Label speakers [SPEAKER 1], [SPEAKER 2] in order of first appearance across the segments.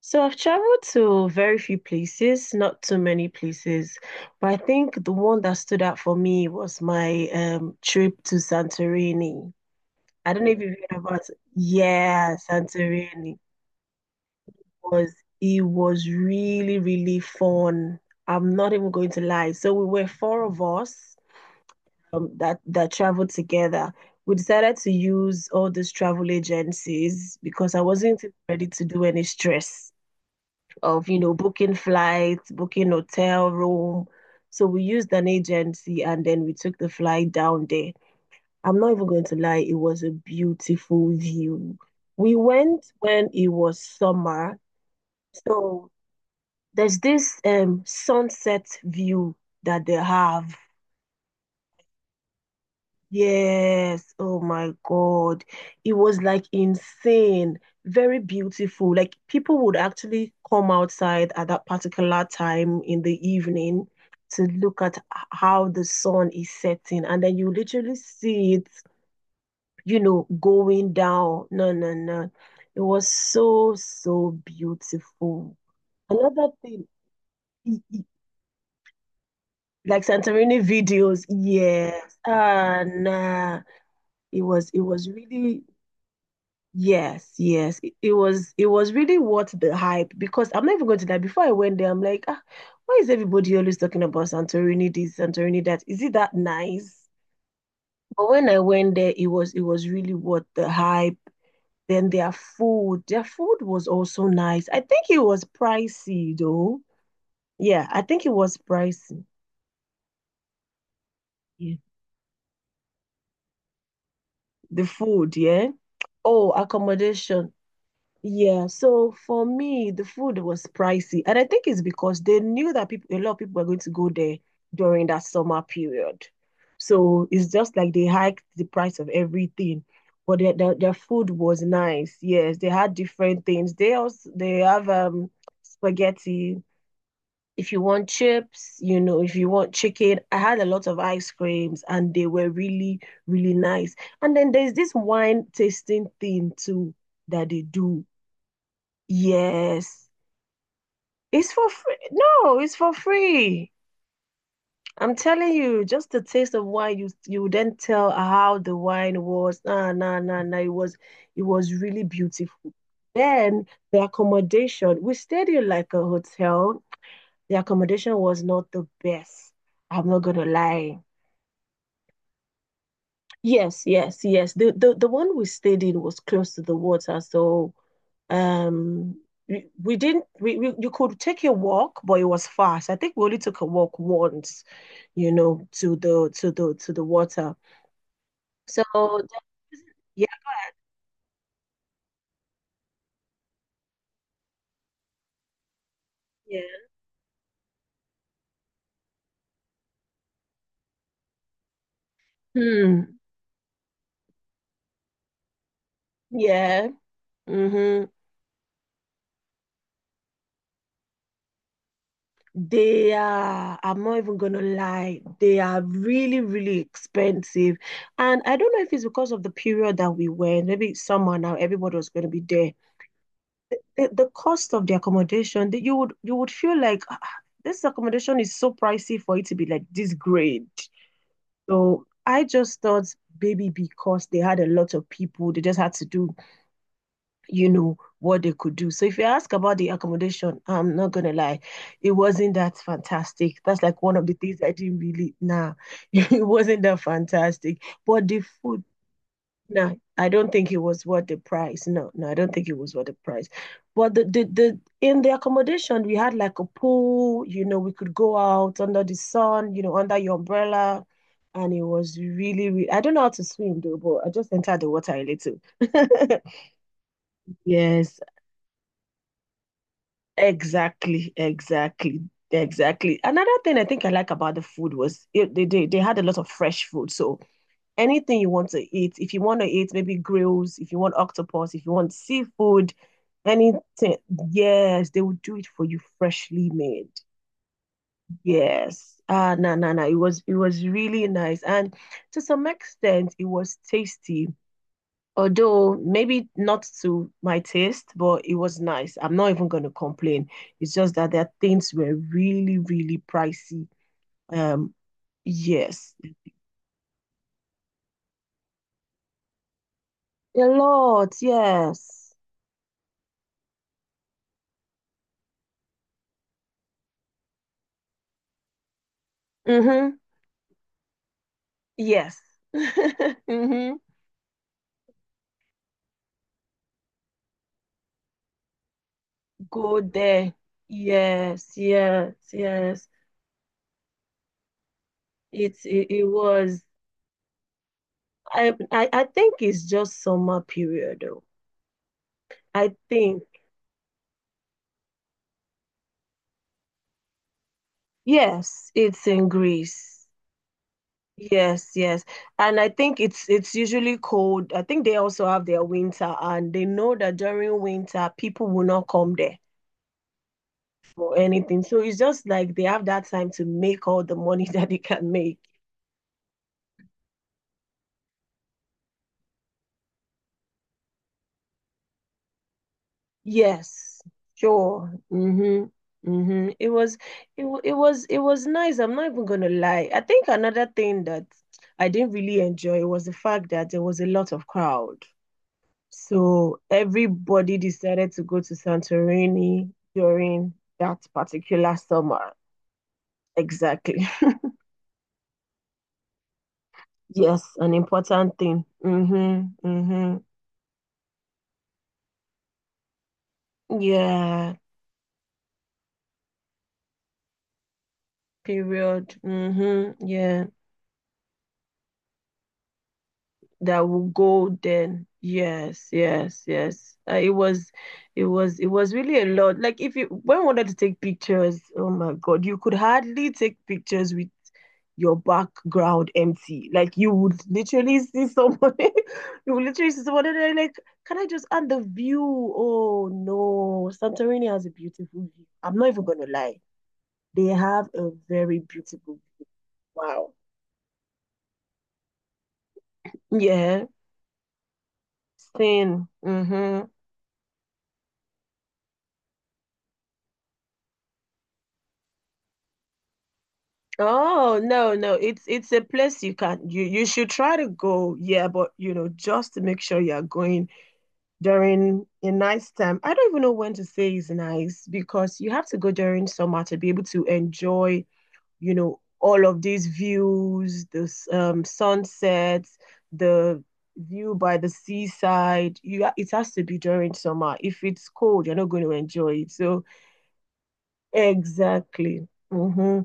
[SPEAKER 1] So I've traveled to very few places, not too many places, but I think the one that stood out for me was my trip to Santorini. I don't know if you've heard about, yeah, Santorini was it was really, really fun. I'm not even going to lie. So we were four of us that traveled together. We decided to use all these travel agencies because I wasn't ready to do any stress of booking flights, booking hotel room. So we used an agency and then we took the flight down there. I'm not even going to lie, it was a beautiful view. We went when it was summer. So there's this sunset view that they have. Yes, oh my God. It was like insane, very beautiful. Like people would actually come outside at that particular time in the evening to look at how the sun is setting, and then you literally see it, going down. No, no, no. It was so, so beautiful. Another thing, e- e- like Santorini videos, yes. Ah, nah it was really. Yes, yes. It was it was really worth the hype because I'm not even going to lie. Before I went there, I'm like, ah, why is everybody always talking about Santorini this, Santorini that? Is it that nice? But when I went there, it was really worth the hype. Then their food was also nice. I think it was pricey though. Yeah, I think it was pricey. Yeah. The food, yeah. Oh, accommodation. Yeah, so for me, the food was pricey, and I think it's because they knew that people, a lot of people were going to go there during that summer period. So it's just like they hiked the price of everything, but their food was nice. Yes, they had different things. They have spaghetti. If you want chips, you know, if you want chicken, I had a lot of ice creams, and they were really, really nice. And then there's this wine tasting thing too that they do. Yes, it's for free. No, it's for free. I'm telling you, just the taste of wine, you then tell how the wine was. Nah, nah, nah, nah. It was really beautiful. Then the accommodation, we stayed in like a hotel. The accommodation was not the best. I'm not gonna lie. Yes, yes, yes. The one we stayed in was close to the water, so Um, we didn't we you could take a walk, but it was fast. I think we only took a walk once, you know, to the water. So yeah, yeah. Hmm. Yeah. Mm-hmm. They are, I'm not even gonna lie, they are really, really expensive. And I don't know if it's because of the period that we went, maybe summer now, everybody was gonna be there. The cost of the accommodation that you would feel like, "Ah, ah, this accommodation is so pricey for it to be like this great." So I just thought maybe because they had a lot of people, they just had to do, you know, what they could do. So if you ask about the accommodation, I'm not gonna lie, it wasn't that fantastic. That's like one of the things I didn't really nah, it wasn't that fantastic. But the food, no, I don't think it was worth the price. No, no, I don't think it was worth the price. But the in the accommodation we had like a pool, you know, we could go out under the sun, you know, under your umbrella. And it was really, really, I don't know how to swim though, but I just entered the water a little. Yes, exactly, exactly, exactly. Another thing I think I like about the food was it, they had a lot of fresh food. So anything you want to eat. If you want to eat maybe grills, if you want octopus, if you want seafood, anything. Yes, they will do it for you freshly made. Yes. Ah, no, no, no. It was really nice. And to some extent, it was tasty. Although maybe not to my taste, but it was nice. I'm not even going to complain. It's just that their things were really, really pricey. Um, yes, a lot. Yes. Mm-hmm. Yes. Mm-hmm. Go there. Yes, yes, yes. It was I think it's just summer period though. I think yes, it's in Greece. Yes, yes. And I think it's usually cold. I think they also have their winter and they know that during winter people will not come there for anything. So it's just like they have that time to make all the money that they can make. Yes, sure. Mm-hmm. Mm-hmm. It was it, wa- it was nice. I'm not even gonna lie. I think another thing that I didn't really enjoy was the fact that there was a lot of crowd. So everybody decided to go to Santorini during that particular summer. Exactly. Yes, an important thing. Mm-hmm. Mm-hmm. Yeah. Period. Mm-hmm. Yeah. That will go then. Yes, yes, yes. It was really a lot. Like if you when we wanted to take pictures, oh my God, you could hardly take pictures with your background empty. Like you would literally see somebody, you would literally see somebody and they're like, can I just add the view? Oh no, Santorini has a beautiful view. I'm not even gonna lie. They have a very beautiful view. Wow. Yeah. Sin. Mm-hmm. Oh, no, no. It's a place you can you you should try to go. Yeah, but you know, just to make sure you're going during a nice time. I don't even know when to say is nice because you have to go during summer to be able to enjoy, you know, all of these views, this sunsets, the view by the seaside. It has to be during summer. If it's cold, you're not going to enjoy it. So exactly. Mm-hmm.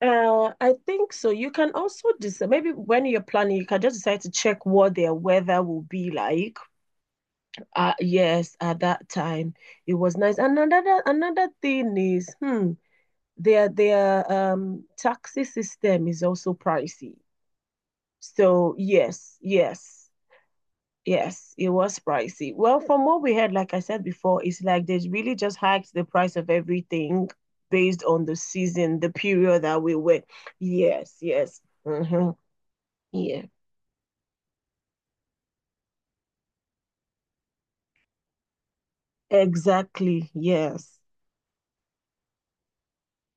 [SPEAKER 1] I think so. You can also decide, maybe when you're planning, you can just decide to check what their weather will be like. Yes, at that time it was nice. And another thing is, hmm, their taxi system is also pricey. So yes, yes, yes, it was pricey. Well, from what we heard, like I said before, it's like they really just hiked the price of everything based on the season, the period that we were. Yes, yes. Hmm. Yeah. Exactly. Yes.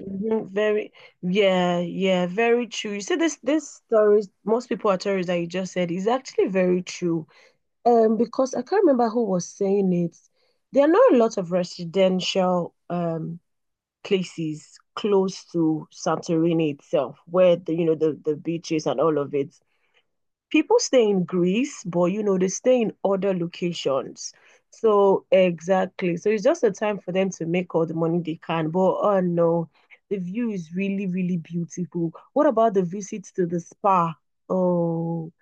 [SPEAKER 1] Mhm. Very, yeah, yeah, very true. You see, this stories, most people are stories that you just said is actually very true. Because I can't remember who was saying it. There are not a lot of residential places close to Santorini itself, where the you know the beaches and all of it. People stay in Greece, but you know, they stay in other locations. So exactly. So it's just a time for them to make all the money they can. But oh no, the view is really, really beautiful. What about the visits to the spa? Oh.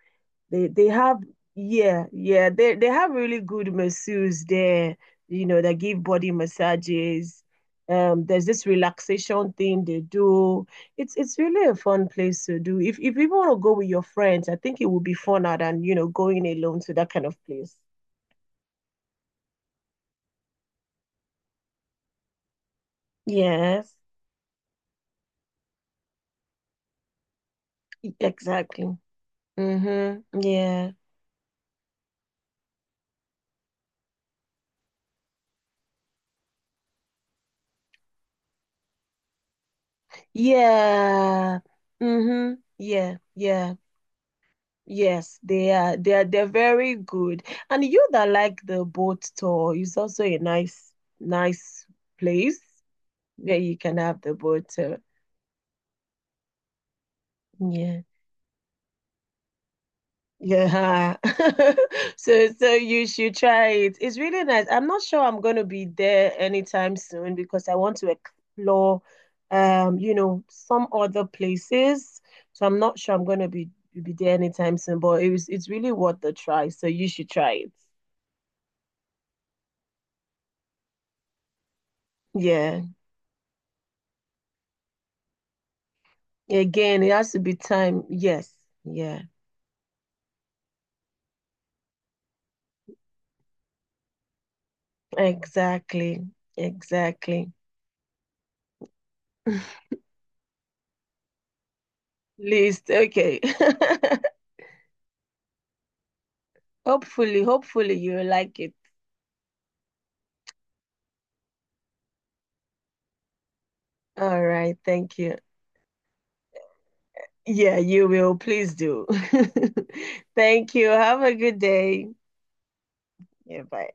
[SPEAKER 1] They have yeah, yeah. They have really good masseurs there, you know, that give body massages. There's this relaxation thing they do. It's really a fun place to do. If you want to go with your friends, I think it would be funner than, you know, going alone to that kind of place. Yes, exactly. Mm-hmm. Yeah. Yeah. Mm-hmm. Yeah. Yeah. Yes, they're very good. And you that like the boat tour is also a nice place where you can have the boat tour. Yeah. Yeah. So so you should try it. It's really nice. I'm not sure I'm going to be there anytime soon because I want to explore you know, some other places. So I'm not sure I'm going to be there anytime soon, but it's really worth the try. So you should try it. Yeah. Again, it has to be time. Yes. Yeah. Exactly. Exactly. List. Okay. Hopefully, hopefully you like it. All right. Thank you. Yeah, you will. Please do. Thank you. Have a good day. Yeah, bye.